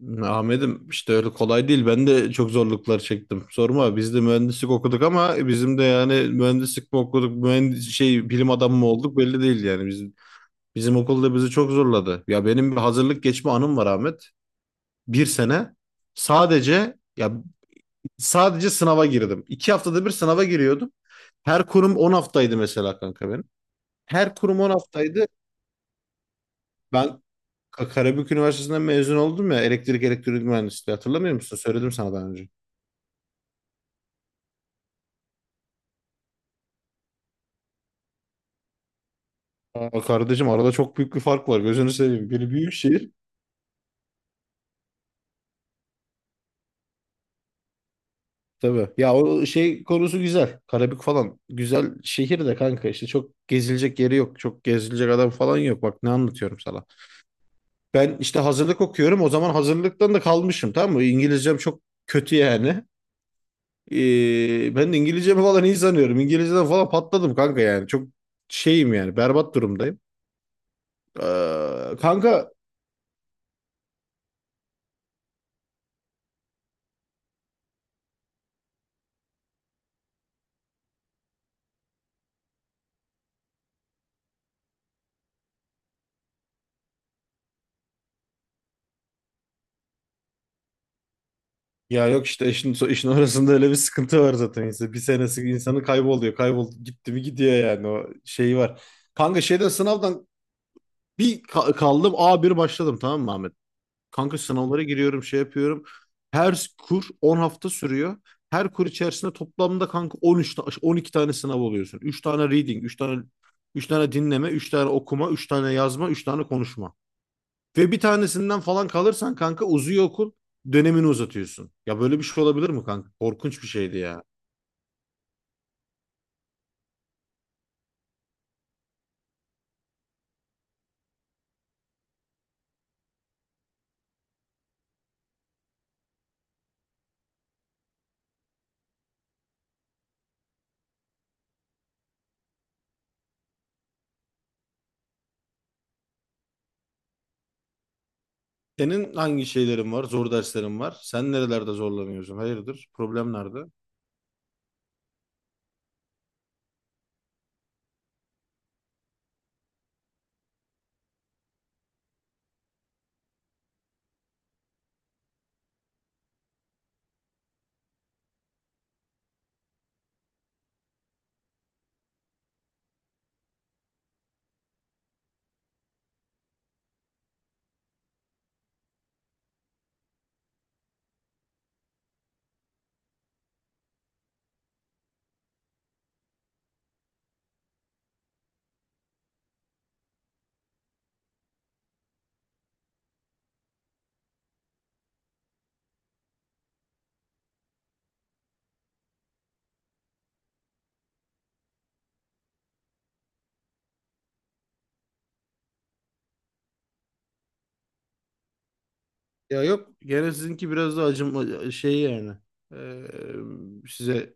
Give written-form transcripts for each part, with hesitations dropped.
Ahmet'im işte öyle kolay değil. Ben de çok zorluklar çektim. Sorma biz de mühendislik okuduk ama bizim de yani mühendislik mi okuduk, mühendis şey bilim adamı mı olduk belli değil yani. Bizim okulda bizi çok zorladı. Ya benim bir hazırlık geçme anım var Ahmet. Bir sene sadece ya sadece sınava girdim. 2 haftada bir sınava giriyordum. Her kurum 10 haftaydı mesela kanka benim. Her kurum 10 haftaydı. Ben Karabük Üniversitesi'nden mezun oldum ya, elektrik elektronik mühendisliği, hatırlamıyor musun? Söyledim sana daha önce. Aa, kardeşim arada çok büyük bir fark var. Gözünü seveyim. Biri büyük şehir. Tabii. Ya o şey konusu güzel. Karabük falan. Güzel şehir de kanka işte çok gezilecek yeri yok. Çok gezilecek adam falan yok. Bak ne anlatıyorum sana. Ben işte hazırlık okuyorum. O zaman hazırlıktan da kalmışım, tamam mı? İngilizcem çok kötü yani. Ben de İngilizcemi falan iyi sanıyorum. İngilizceden falan patladım kanka yani. Çok şeyim yani. Berbat durumdayım. Ee, kanka Ya yok işte işin orasında öyle bir sıkıntı var zaten. İşte bir senesi insanı kayboluyor. Kaybol gitti mi gidiyor yani, o şey var. Kanka şeyden, sınavdan kaldım a bir başladım, tamam mı Ahmet? Kanka sınavlara giriyorum, şey yapıyorum. Her kur 10 hafta sürüyor. Her kur içerisinde toplamda kanka 12 tane sınav oluyorsun. Üç tane reading, üç tane dinleme, 3 tane okuma, 3 tane yazma, 3 tane konuşma. Ve bir tanesinden falan kalırsan kanka uzuyor okul, dönemini uzatıyorsun. Ya böyle bir şey olabilir mi kanka? Korkunç bir şeydi ya. Senin hangi şeylerin var? Zor derslerin var. Sen nerelerde zorlanıyorsun? Hayırdır? Problem nerede? Ya yok. Gene sizinki biraz da acım şey yani. Ee, Size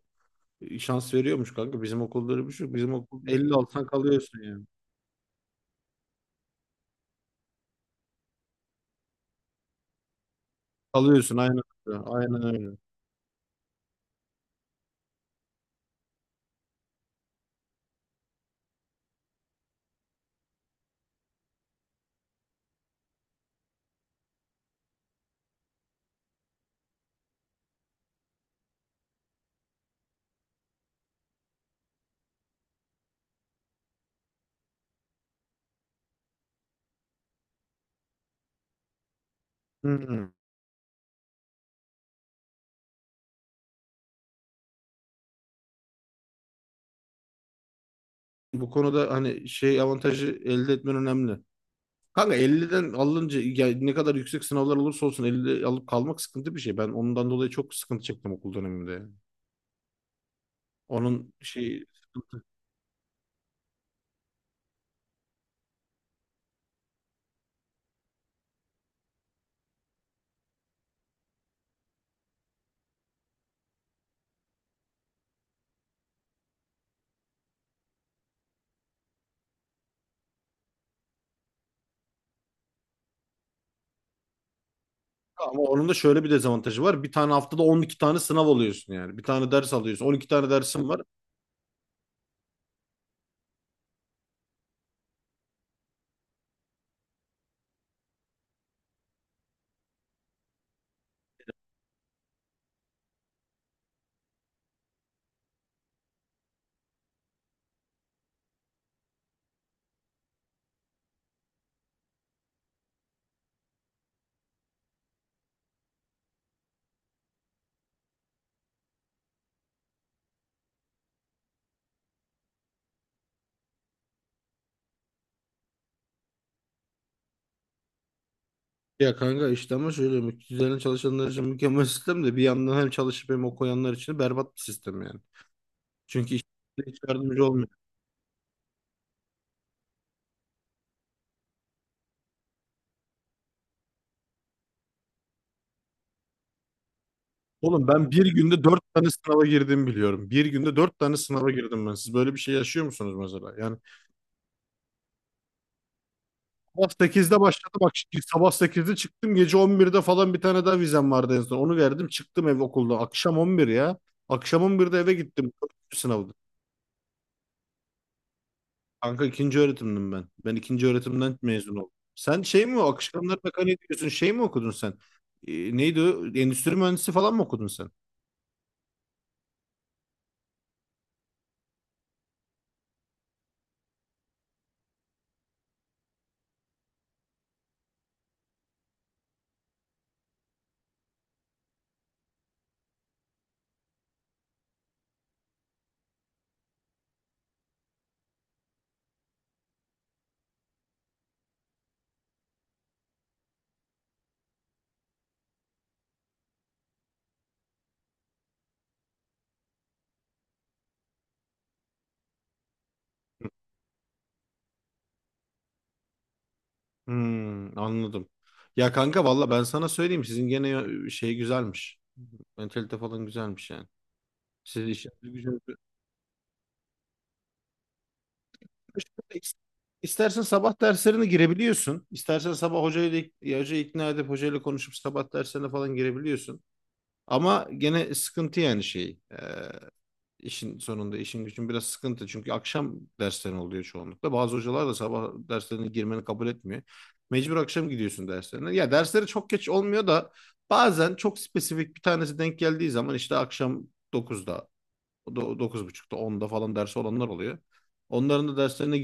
şans veriyormuş kanka. Bizim okulda öyle bir şey yok. Bizim okul 50 alsan kalıyorsun yani. Kalıyorsun aynen öyle. Aynen öyle. Hı hı. Bu konuda hani şey avantajı elde etmen önemli. Kanka 50'den alınca ya ne kadar yüksek sınavlar olursa olsun 50 alıp kalmak sıkıntı bir şey. Ben ondan dolayı çok sıkıntı çektim okul döneminde. Onun şey sıkıntı. Ama onun da şöyle bir dezavantajı var. Bir tane haftada 12 tane sınav alıyorsun yani. Bir tane ders alıyorsun. 12 tane dersin var. Ya kanka işte ama şöyle, üzerine çalışanlar için mükemmel sistem de bir yandan hem çalışıp hem okuyanlar için berbat bir sistem yani. Çünkü işte hiç yardımcı olmuyor. Oğlum ben bir günde 4 tane sınava girdiğimi biliyorum. Bir günde 4 tane sınava girdim ben. Siz böyle bir şey yaşıyor musunuz mesela? Yani sabah 8'de başladım. Bak, sabah 8'de çıktım. Gece on birde falan bir tane daha vizem vardı en son. Onu verdim. Çıktım ev okulda. Akşam 11 ya. Akşam 11'de eve gittim. Dördüncü sınavdı. Kanka ikinci öğretimdim ben. Ben ikinci öğretimden mezun oldum. Sen şey mi o? Akışkanlar mekaniği diyorsun. Şey mi okudun sen? Neydi o? Endüstri mühendisi falan mı okudun sen? Hmm, anladım. Ya kanka valla ben sana söyleyeyim. Sizin gene şey güzelmiş. Mentalite falan güzelmiş yani. Siz işiniz güzel. Şöyle is- İstersen sabah derslerine girebiliyorsun. İstersen sabah hocayla, ya hocayı ikna edip hocayla konuşup sabah derslerine falan girebiliyorsun. Ama gene sıkıntı yani şey. İşin sonunda işin gücün biraz sıkıntı. Çünkü akşam derslerin oluyor çoğunlukla. Bazı hocalar da sabah derslerine girmeni kabul etmiyor. Mecbur akşam gidiyorsun derslerine. Ya dersleri çok geç olmuyor da bazen çok spesifik bir tanesi denk geldiği zaman işte akşam 9'da, 9.30'da, 10'da falan dersi olanlar oluyor. Onların da derslerine.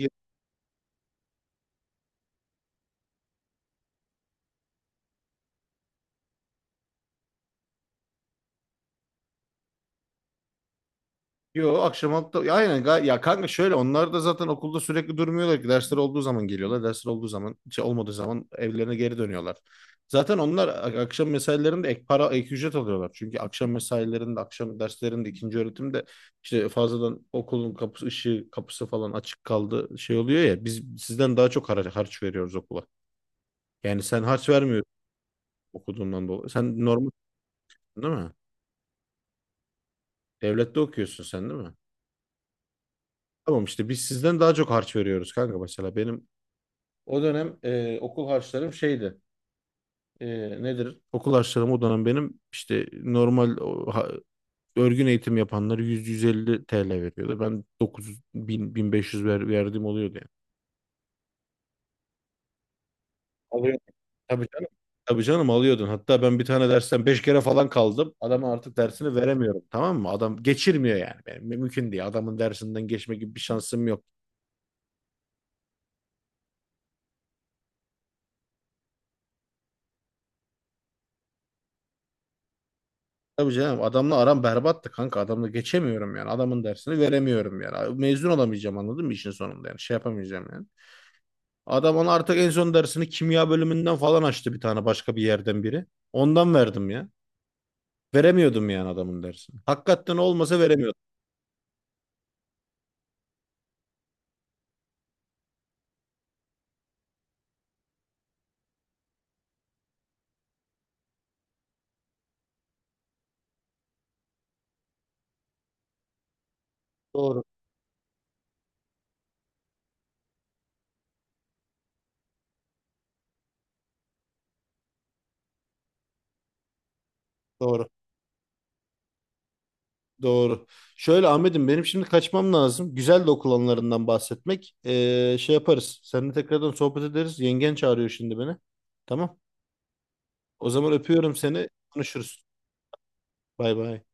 Yo, akşam altta, ya aynen ya kanka, şöyle, onlar da zaten okulda sürekli durmuyorlar ki, dersler olduğu zaman geliyorlar, dersler olduğu zaman şey olmadığı zaman evlerine geri dönüyorlar. Zaten onlar akşam mesailerinde ek para, ek ücret alıyorlar. Çünkü akşam mesailerinde, akşam derslerinde, ikinci öğretimde işte fazladan okulun kapısı ışığı, kapısı falan açık kaldı, şey oluyor ya, biz sizden daha çok harç veriyoruz okula. Yani sen harç vermiyorsun okuduğundan dolayı. Sen normal değil mi? Devlette okuyorsun sen değil mi? Tamam işte, biz sizden daha çok harç veriyoruz kanka mesela. Benim o dönem okul harçlarım şeydi. E, Nedir? Okul harçlarım o dönem benim işte, normal o, örgün eğitim yapanlar 100-150 TL veriyordu. Ben 900-1500 verdiğim oluyordu yani. Alıyor. Tabii canım. Tabii canım alıyordun. Hatta ben bir tane dersten 5 kere falan kaldım. Adama artık dersini veremiyorum. Tamam mı? Adam geçirmiyor yani. Benim, mümkün değil. Adamın dersinden geçme gibi bir şansım yok. Tabii canım adamla aram berbattı kanka. Adamla geçemiyorum yani. Adamın dersini veremiyorum yani. Mezun olamayacağım, anladın mı, işin sonunda yani. Şey yapamayacağım yani. Adam ona artık en son dersini kimya bölümünden falan açtı, bir tane başka bir yerden biri. Ondan verdim ya. Veremiyordum yani adamın dersini. Hakikaten olmasa veremiyordum. Doğru, doğru, doğru. Şöyle Ahmet'im, benim şimdi kaçmam lazım. Güzel de okul anılarından bahsetmek. Şey yaparız. Seninle tekrardan sohbet ederiz. Yengen çağırıyor şimdi beni. Tamam. O zaman öpüyorum seni. Konuşuruz. Bay bay.